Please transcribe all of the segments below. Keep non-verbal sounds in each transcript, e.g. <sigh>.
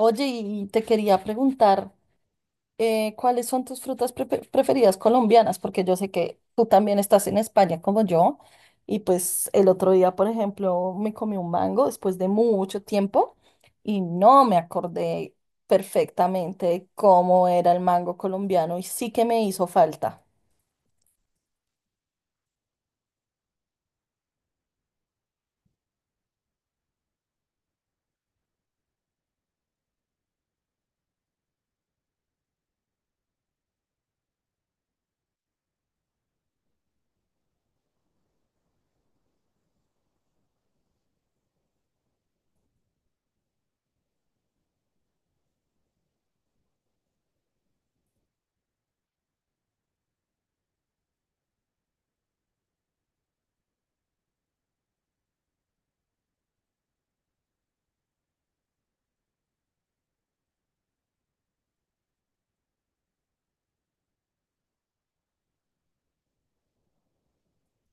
Oye, y te quería preguntar, ¿cuáles son tus frutas preferidas colombianas? Porque yo sé que tú también estás en España como yo. Y pues el otro día, por ejemplo, me comí un mango después de mucho tiempo y no me acordé perfectamente de cómo era el mango colombiano y sí que me hizo falta.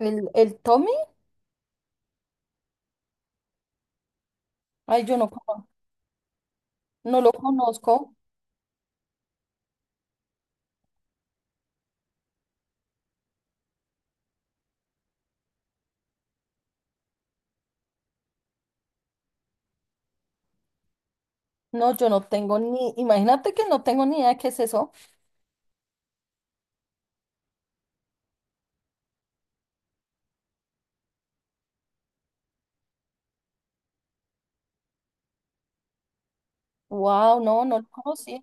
¿El Tommy? Ay, yo no, no lo conozco. No, yo no tengo ni, imagínate que no tengo ni idea de qué es eso. Wow, no, no lo conocí.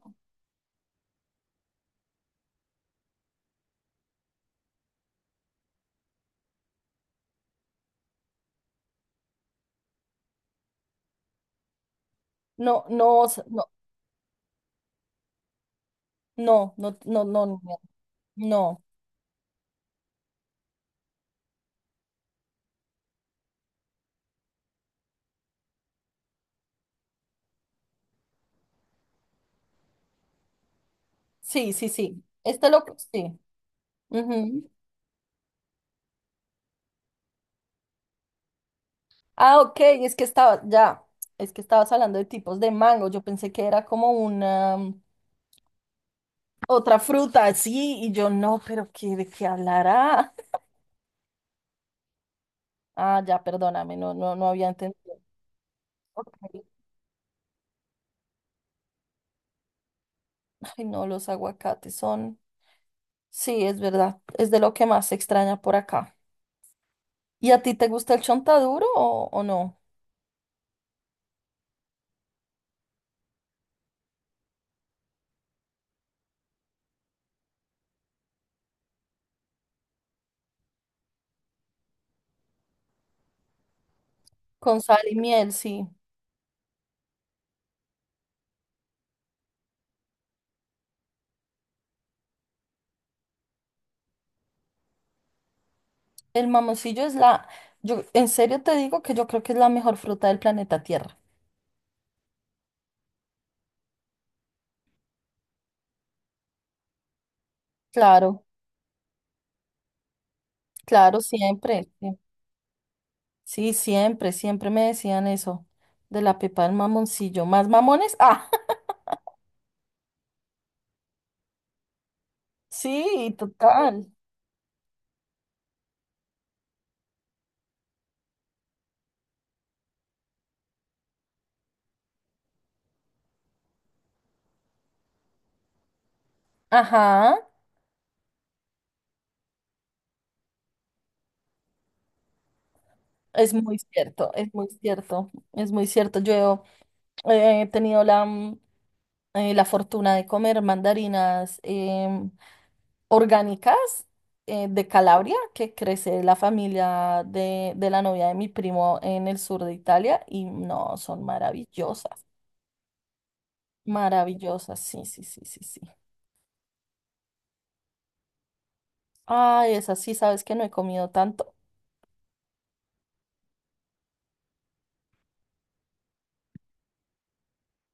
No, no, no. No, no, no, no, no. No. Sí, sí, sí. Este lo, sí. Ujú. Ah, ok, es que estaba, ya, es que estabas hablando de tipos de mango. Yo pensé que era como una otra fruta, así, y yo no, pero ¿qué, de qué hablará? <laughs> Ah, ya, perdóname, no, no, no había entendido. Ok. Ay, no, los aguacates son. Sí, es verdad, es de lo que más se extraña por acá. ¿Y a ti te gusta el chontaduro o no? Con sal y miel, sí. El mamoncillo es la, yo en serio te digo que yo creo que es la mejor fruta del planeta Tierra. Claro, claro, siempre. Sí, sí, siempre, siempre me decían eso, de la pepa del mamoncillo. ¿Más mamones? Ah, <laughs> sí, total. Ajá, es muy cierto, es muy cierto, es muy cierto. Yo he tenido la, la fortuna de comer mandarinas orgánicas de Calabria, que crece la familia de la novia de mi primo en el sur de Italia, y no, son maravillosas, maravillosas, sí, sí, sí, sí, sí. Ay, esas sí, sabes que no he comido tanto.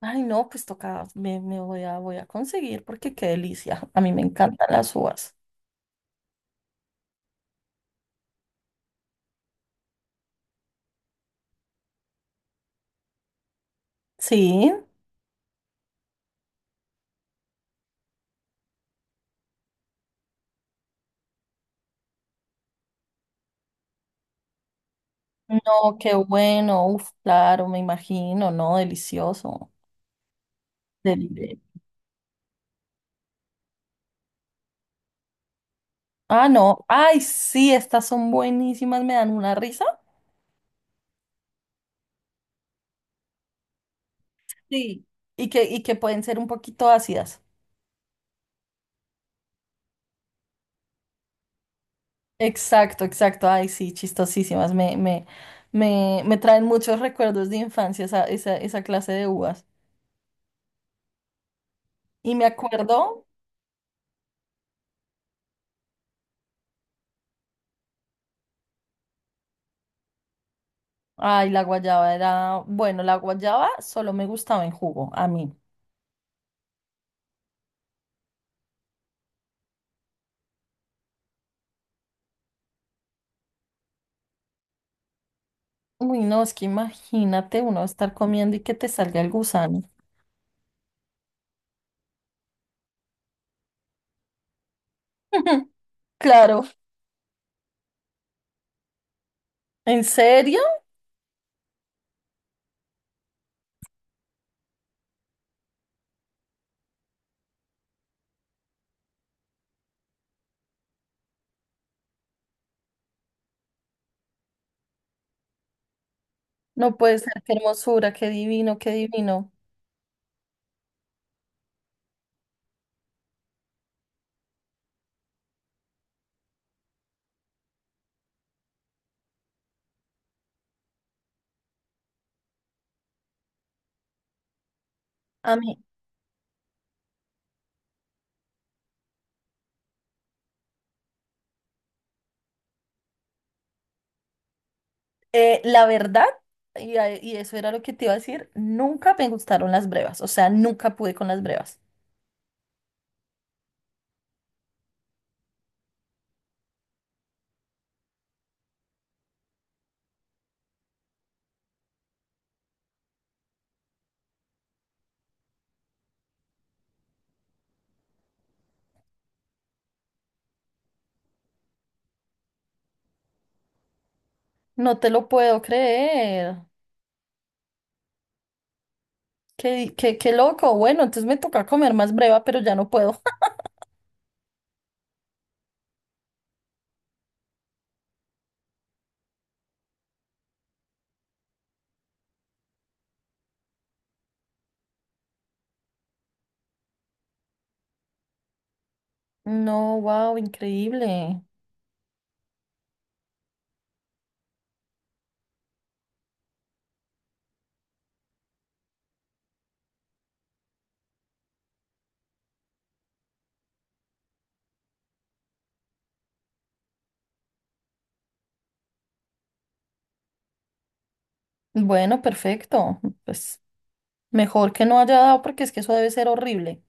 Ay, no, pues toca, me voy a, voy a conseguir porque qué delicia. A mí me encantan las uvas. Sí, no, qué bueno, uf, claro, me imagino, no, delicioso. Deli- Ah, no. Ay, sí, estas son buenísimas, me dan una risa. Sí, y que pueden ser un poquito ácidas. Exacto, exacto. Ay, sí, chistosísimas. Me traen muchos recuerdos de infancia esa, esa, esa clase de uvas. Y me acuerdo, ay, la guayaba era, bueno, la guayaba solo me gustaba en jugo, a mí. Uy, no, es que imagínate uno estar comiendo y que te salga el gusano. <laughs> Claro, ¿en serio? No puede ser, qué hermosura, qué divino, qué divino. A mí, la verdad, y eso era lo que te iba a decir, nunca me gustaron las brevas, o sea, nunca pude con las brevas. No te lo puedo creer. Qué, qué, qué loco. Bueno, entonces me toca comer más breva, pero ya no puedo. <laughs> No, wow, increíble. Bueno, perfecto. Pues mejor que no haya dado porque es que eso debe ser horrible.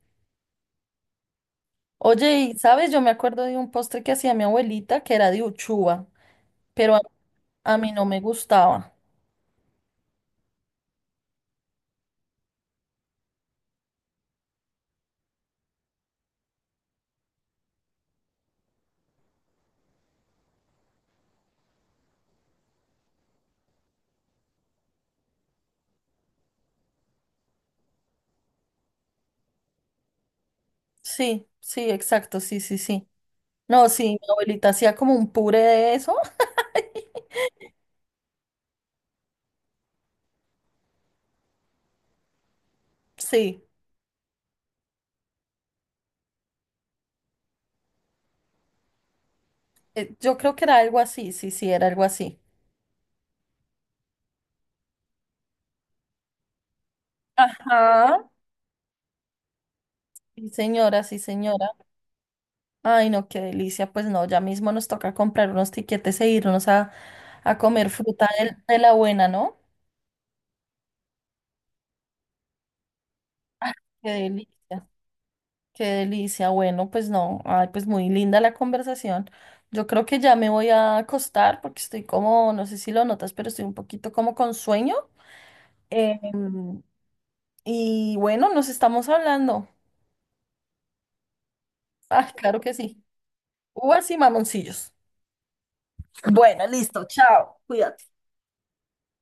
Oye, y sabes, yo me acuerdo de un postre que hacía mi abuelita que era de uchuva, pero a mí no me gustaba. Sí, sí, exacto, sí, sí, sí. No, sí, mi abuelita hacía como un puré de eso. <laughs> Sí, yo creo que era algo así, sí, sí, era algo así. Ajá. Sí, señora, sí, señora. Ay, no, qué delicia. Pues no, ya mismo nos toca comprar unos tiquetes e irnos a comer fruta de la buena, ¿no? Qué delicia, qué delicia. Bueno, pues no, ay, pues muy linda la conversación. Yo creo que ya me voy a acostar porque estoy como, no sé si lo notas, pero estoy un poquito como con sueño. Em, Y bueno, nos estamos hablando. Ah, claro que sí. Uvas y mamoncillos. Bueno, listo. Chao. Cuídate.